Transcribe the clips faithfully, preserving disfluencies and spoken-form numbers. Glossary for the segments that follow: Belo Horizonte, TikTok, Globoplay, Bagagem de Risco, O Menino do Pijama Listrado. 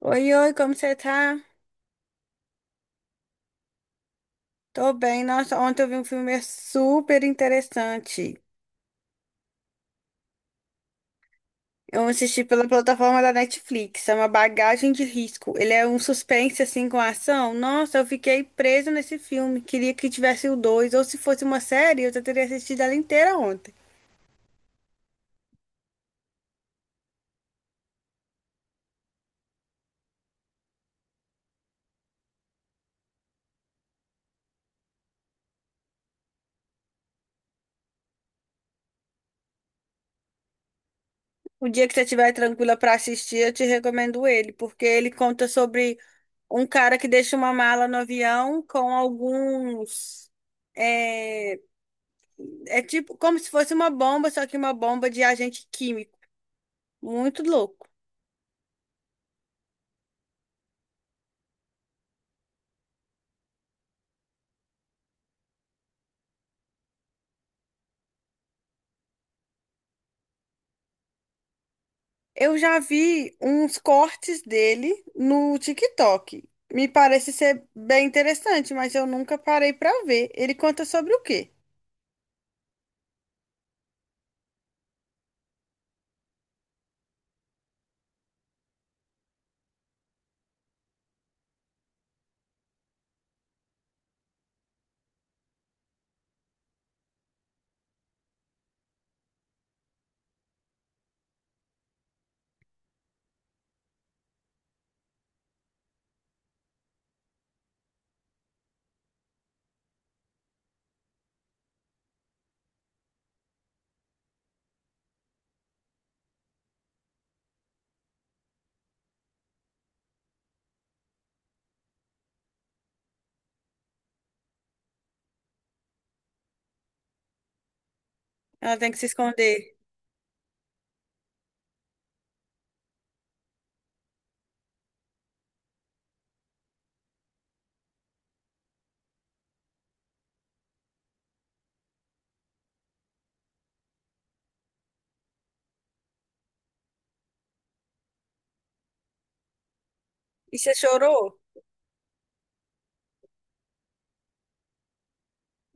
Oi, oi, como você tá? Tô bem. Nossa, ontem eu vi um filme super interessante. Eu assisti pela plataforma da Netflix, chama Bagagem de Risco. Ele é um suspense assim com ação. Nossa, eu fiquei presa nesse filme. Queria que tivesse o dois, ou se fosse uma série, eu já teria assistido ela inteira ontem. O dia que você estiver tranquila pra assistir, eu te recomendo ele, porque ele conta sobre um cara que deixa uma mala no avião com alguns eh, é tipo como se fosse uma bomba, só que uma bomba de agente químico. Muito louco. Eu já vi uns cortes dele no TikTok. Me parece ser bem interessante, mas eu nunca parei pra ver. Ele conta sobre o quê? Ela tem que se esconder. E você chorou?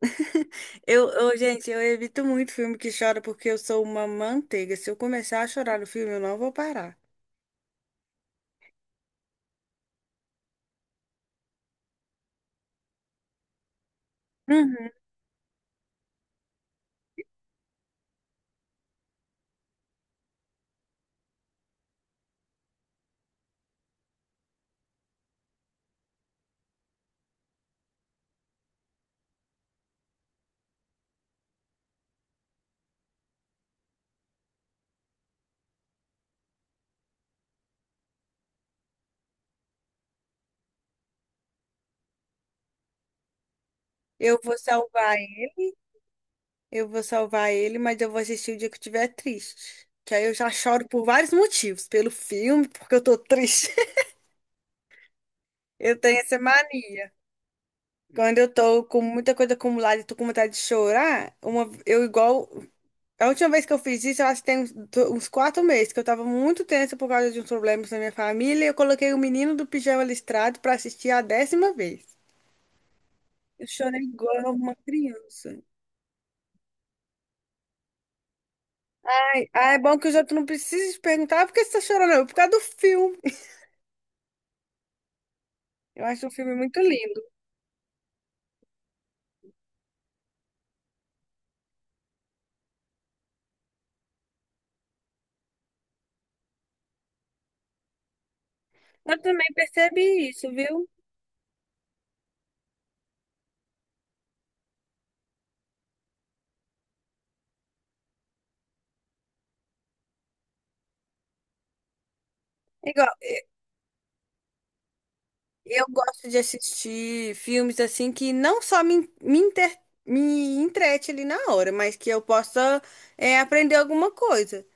Eu, eu, gente, eu evito muito filme que chora porque eu sou uma manteiga. Se eu começar a chorar no filme, eu não vou parar. Uhum. Eu vou salvar Eu vou salvar ele, mas eu vou assistir o dia que eu estiver triste. Que aí eu já choro por vários motivos. Pelo filme, porque eu tô triste. Eu tenho essa mania. Quando eu tô com muita coisa acumulada e tô com vontade de chorar, uma, eu igual. A última vez que eu fiz isso, eu acho que tem uns, do- uns quatro meses, que eu tava muito tensa por causa de uns problemas na minha família. E eu coloquei o menino do pijama listrado pra assistir a décima vez. Eu chorei igual uma criança. Ai, ah, é bom que os outros não precisam te perguntar "Ah, por que você tá chorando, não?" por causa do filme. Eu acho um filme muito lindo. Eu também percebi isso, viu? Igual, eu gosto de assistir filmes assim que não só me, me, inter, me entrete ali na hora, mas que eu possa é, aprender alguma coisa.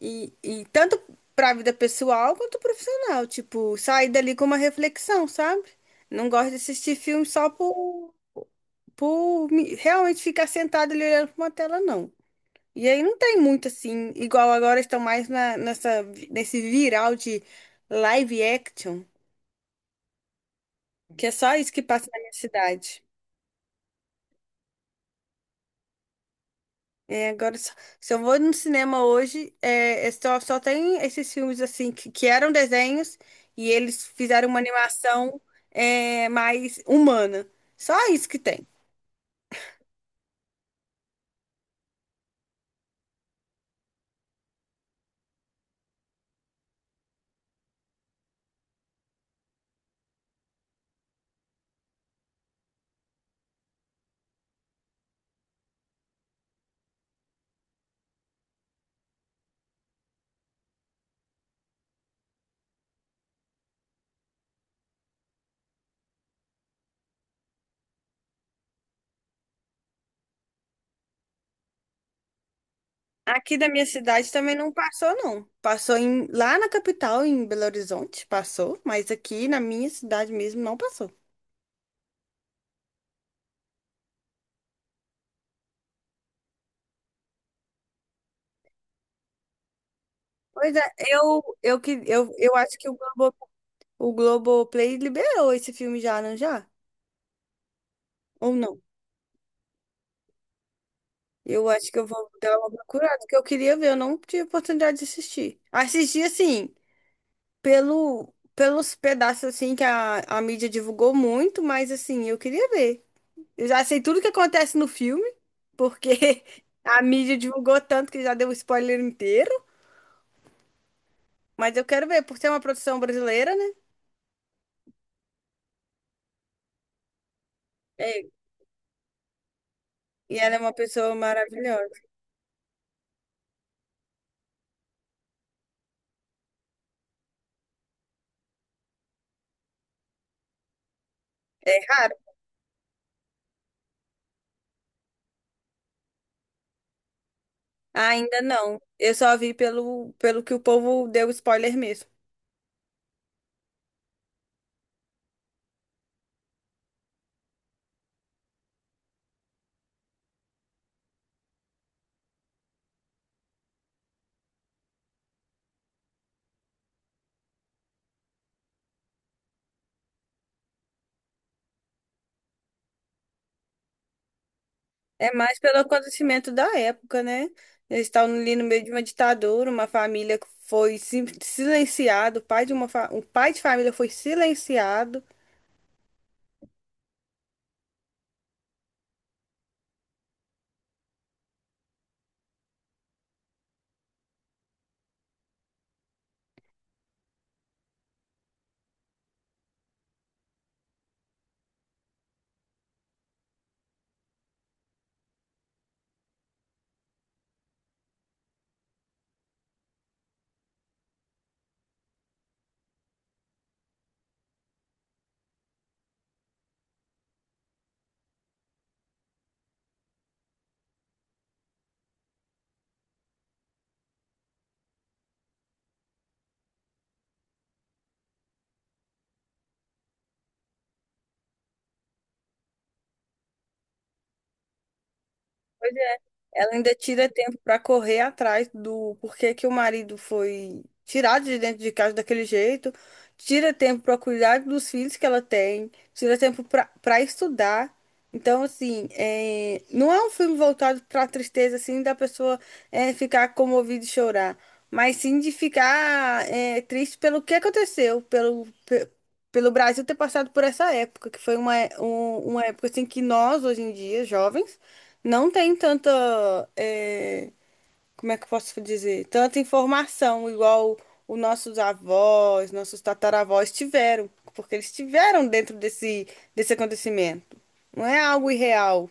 E, e tanto para a vida pessoal quanto profissional. Tipo, sair dali com uma reflexão, sabe? Não gosto de assistir filme só por, por me- realmente ficar sentado ali olhando para uma tela, não. E aí não tem muito assim, igual agora estão mais na, nessa, nesse viral de live action, que é só isso que passa na minha cidade. É, agora, só- se eu vou no cinema hoje, é, é só, só tem esses filmes assim que, que eram desenhos e eles fizeram uma animação é, mais humana. Só isso que tem. Aqui da minha cidade também não passou, não. Passou em, lá na capital, em Belo Horizonte, passou, mas aqui na minha cidade mesmo não passou. Pois é, eu, eu, que- eu, eu acho que o Globo, o Globoplay liberou esse filme já, não já? Ou não? Eu acho que eu vou dar uma procurada, porque eu queria ver, eu não tive oportunidade de assistir. Assisti, assim, pelo, pelos pedaços, assim, que a, a mídia divulgou muito, mas, assim, eu queria ver. Eu já sei tudo que acontece no filme, porque a mídia divulgou tanto que já deu o spoiler inteiro, mas eu quero ver, por ser uma produção brasileira, né? É, e ela é uma pessoa maravilhosa. É raro. Ainda não. Eu só vi pelo, pelo que o povo deu spoiler mesmo. É mais pelo acontecimento da época, né? Eles estavam ali no meio de uma ditadura, uma família que foi sim- silenciada, o pai de uma fa... o pai de família foi silenciado. Ela ainda tira tempo para correr atrás do porquê que o marido foi tirado de dentro de casa daquele jeito, tira tempo para cuidar dos filhos que ela tem, tira tempo para para estudar. Então, assim, é, não é um filme voltado para a tristeza, assim, da pessoa é, ficar comovida e chorar, mas sim de ficar é, triste pelo que aconteceu, pelo, pe- pelo Brasil ter passado por essa época, que foi uma, é- um- uma época, assim, que nós, hoje em dia, jovens, não tem tanta, eh, como é que eu posso dizer? Tanta informação igual os nossos avós, nossos tataravós tiveram, porque eles tiveram dentro desse, desse acontecimento. Não é algo irreal.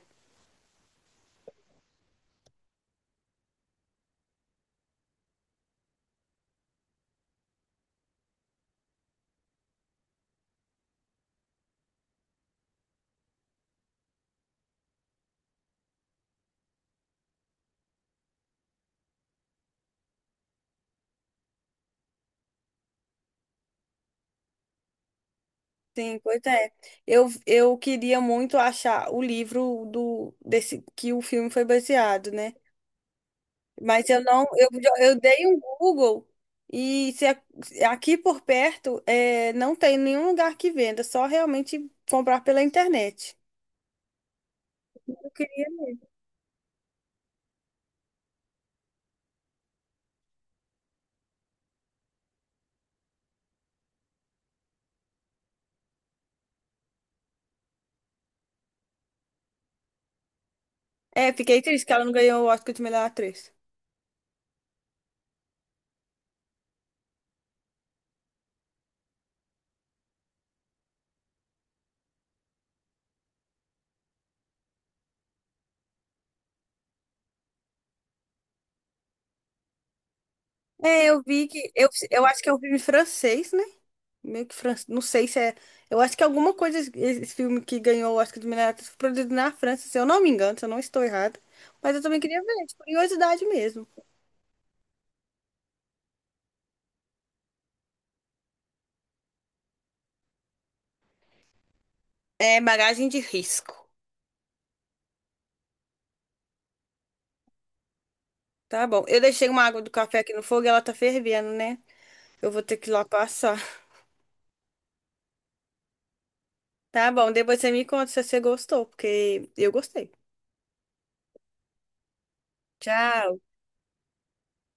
Sim, pois é. Eu, eu queria muito achar o livro do desse que o filme foi baseado, né? Mas eu não, eu, jo- eu dei um Google e se a- se aqui por perto é, não tem nenhum lugar que venda, só realmente comprar pela internet. Eu queria. É, fiquei triste que ela não ganhou o Oscar de melhor atriz. É, eu vi que. Eu, eu acho que é um filme francês, né? Meio que francês. Não sei se é. Eu acho que alguma coisa, esse esse filme que ganhou o Oscar de melhor atriz, foi produzido na França, se eu não me engano, se eu não estou errada. Mas eu também queria ver, de curiosidade mesmo. É, bagagem de risco. Tá bom. Eu deixei uma água do café aqui no fogo e ela tá fervendo, né? Eu vou ter que ir lá passar. Tá bom, depois você me conta se você gostou, porque eu gostei. Tchau.